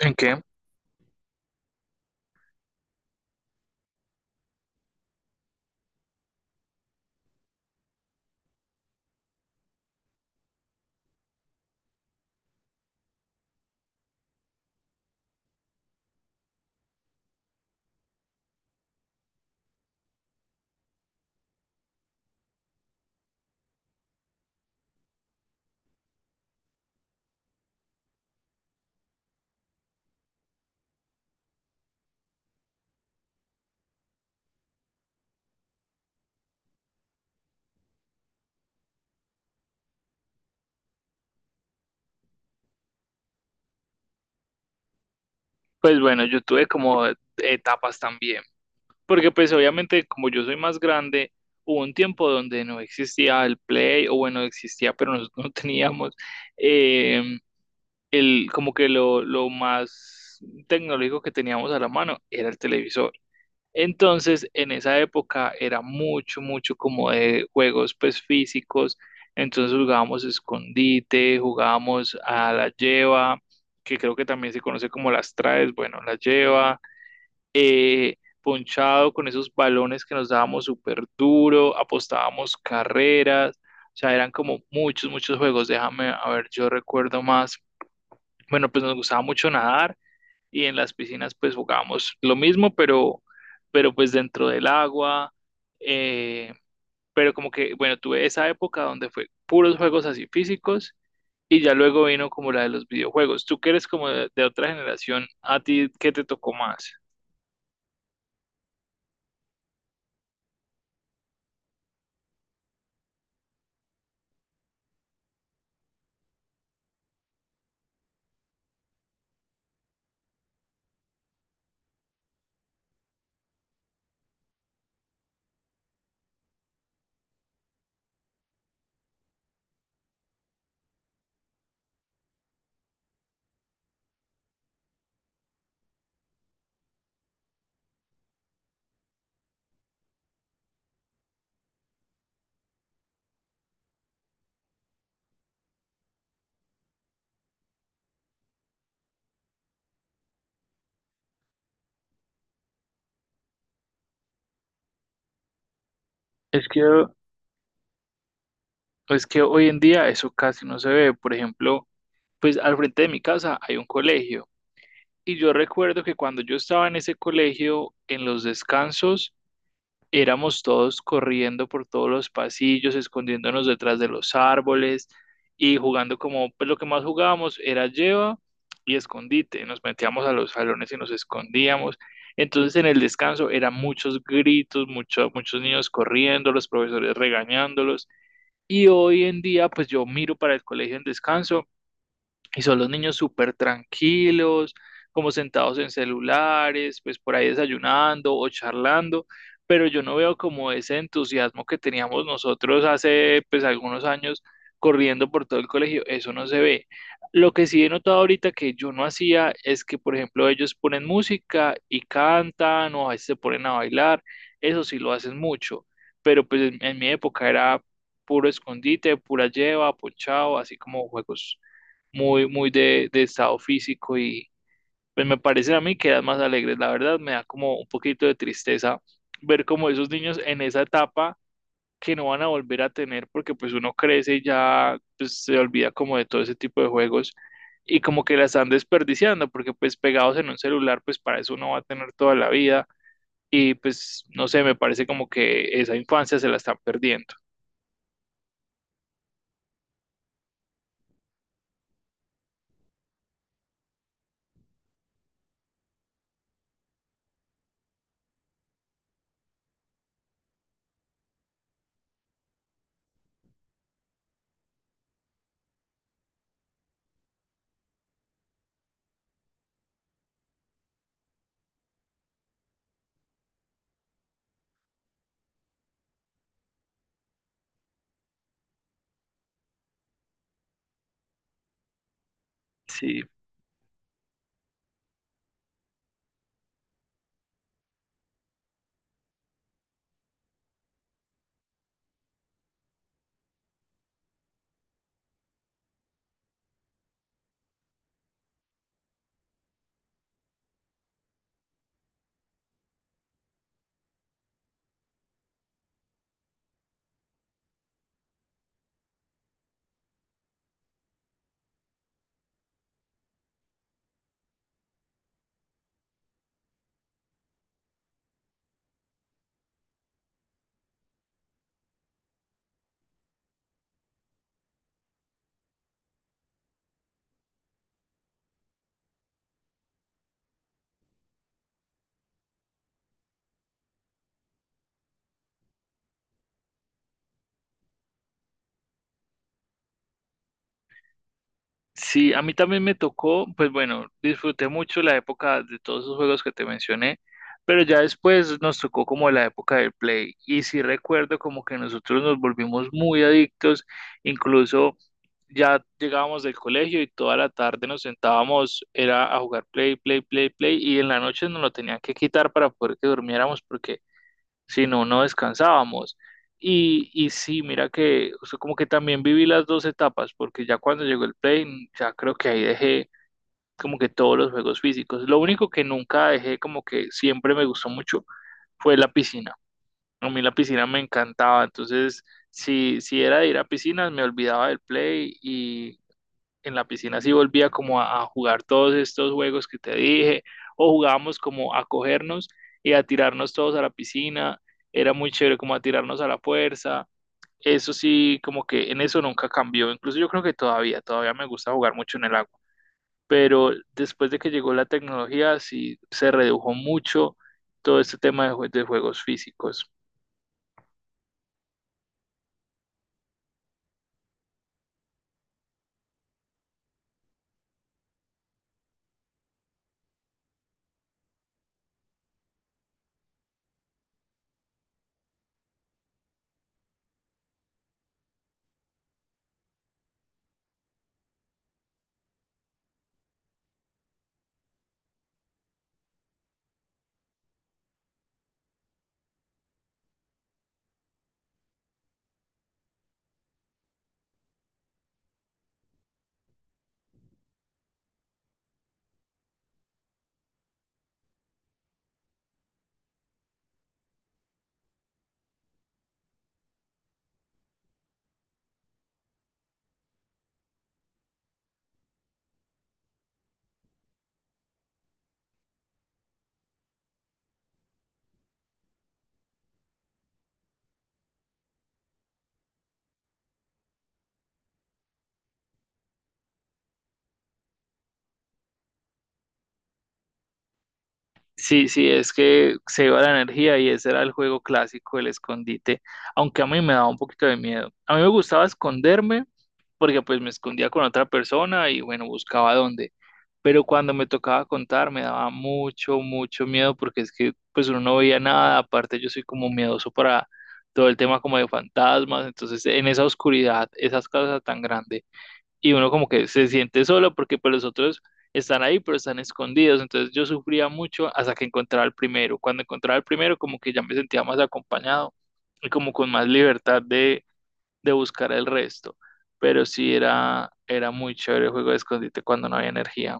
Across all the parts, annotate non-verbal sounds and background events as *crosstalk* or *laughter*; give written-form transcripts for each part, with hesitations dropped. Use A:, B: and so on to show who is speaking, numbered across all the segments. A: ¿En qué? Pues bueno, yo tuve como etapas también, porque pues obviamente como yo soy más grande, hubo un tiempo donde no existía el Play, o bueno, existía, pero nosotros no *laughs* teníamos eh, como que lo más tecnológico que teníamos a la mano era el televisor. Entonces, en esa época era mucho, mucho como de juegos pues físicos. Entonces jugábamos escondite, jugábamos a la lleva, que creo que también se conoce como las traes, bueno, la lleva, ponchado con esos balones que nos dábamos súper duro, apostábamos carreras, o sea, eran como muchos, muchos juegos. Déjame, a ver, yo recuerdo más. Bueno, pues nos gustaba mucho nadar y en las piscinas pues jugábamos lo mismo, pero pues dentro del agua. eh, pero como que, bueno, tuve esa época donde fue puros juegos así físicos y ya luego vino como la de los videojuegos. Tú que eres como de otra generación, ¿a ti qué te tocó más? Es que, es que hoy en día eso casi no se ve. Por ejemplo, pues al frente de mi casa hay un colegio y yo recuerdo que cuando yo estaba en ese colegio, en los descansos, éramos todos corriendo por todos los pasillos, escondiéndonos detrás de los árboles y jugando como, pues lo que más jugábamos era lleva y escondite. Nos metíamos a los salones y nos escondíamos. Entonces en el descanso eran muchos gritos, muchos niños corriendo, los profesores regañándolos. Y hoy en día, pues yo miro para el colegio en descanso y son los niños súper tranquilos, como sentados en celulares, pues por ahí desayunando o charlando, pero yo no veo como ese entusiasmo que teníamos nosotros hace pues algunos años corriendo por todo el colegio, eso no se ve. Lo que sí he notado ahorita que yo no hacía es que, por ejemplo, ellos ponen música y cantan o a veces se ponen a bailar, eso sí lo hacen mucho, pero pues en mi época era puro escondite, pura lleva, ponchado, así como juegos muy, muy de estado físico y pues me parecen a mí que eran más alegres. La verdad me da como un poquito de tristeza ver como esos niños en esa etapa que no van a volver a tener porque pues uno crece y ya pues, se olvida como de todo ese tipo de juegos y como que la están desperdiciando porque pues pegados en un celular pues para eso uno va a tener toda la vida y pues, no sé, me parece como que esa infancia se la están perdiendo. Sí. Sí, a mí también me tocó, pues bueno, disfruté mucho la época de todos esos juegos que te mencioné, pero ya después nos tocó como la época del Play. Y sí recuerdo como que nosotros nos volvimos muy adictos, incluso ya llegábamos del colegio y toda la tarde nos sentábamos, era a jugar Play, Play, Play, Play, y en la noche nos lo tenían que quitar para poder que durmiéramos porque si no, no descansábamos. Y sí, mira que o sea, como que también viví las dos etapas, porque ya cuando llegó el Play, ya creo que ahí dejé como que todos los juegos físicos. Lo único que nunca dejé, como que siempre me gustó mucho, fue la piscina. A mí la piscina me encantaba, entonces si, si era de ir a piscinas, me olvidaba del Play y, en la piscina sí volvía como a jugar todos estos juegos que te dije, o jugábamos como a cogernos y a tirarnos todos a la piscina, era muy chévere como a tirarnos a la fuerza, eso sí, como que en eso nunca cambió, incluso yo creo que todavía, todavía me gusta jugar mucho en el agua, pero después de que llegó la tecnología sí se redujo mucho todo este tema de juegos físicos. Sí, sí, es que se iba la energía y ese era el juego clásico, el escondite, aunque a mí me daba un poquito de miedo. A mí me gustaba esconderme porque pues me escondía con otra persona y bueno, buscaba dónde. Pero cuando me tocaba contar me daba mucho, mucho miedo porque es que pues uno no veía nada, aparte yo soy como miedoso para todo el tema como de fantasmas, entonces en esa oscuridad, esas casas tan grandes y uno como que se siente solo porque pues los otros están ahí pero están escondidos, entonces yo sufría mucho hasta que encontraba el primero, cuando encontraba el primero como que ya me sentía más acompañado y como con más libertad de buscar el resto, pero sí era, era muy chévere el juego de escondite cuando no había energía.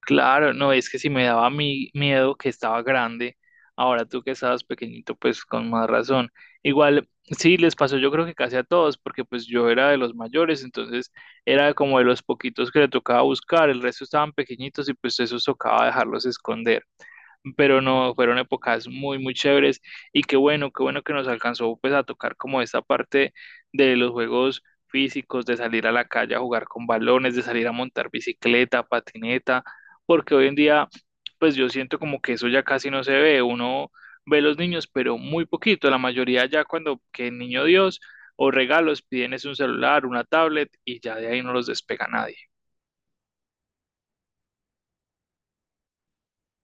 A: Claro, no, es que si me daba mi miedo que estaba grande, ahora tú que estabas pequeñito, pues con más razón. Igual, sí, les pasó yo creo que casi a todos, porque pues yo era de los mayores, entonces era como de los poquitos que le tocaba buscar, el resto estaban pequeñitos y pues eso tocaba dejarlos esconder pero no, fueron épocas muy, muy chéveres y qué bueno que nos alcanzó pues a tocar como esta parte de los juegos físicos, de salir a la calle a jugar con balones, de salir a montar bicicleta, patineta, porque hoy en día pues yo siento como que eso ya casi no se ve, uno ve los niños, pero muy poquito, la mayoría ya cuando que niño Dios o regalos piden es un celular, una tablet y ya de ahí no los despega nadie.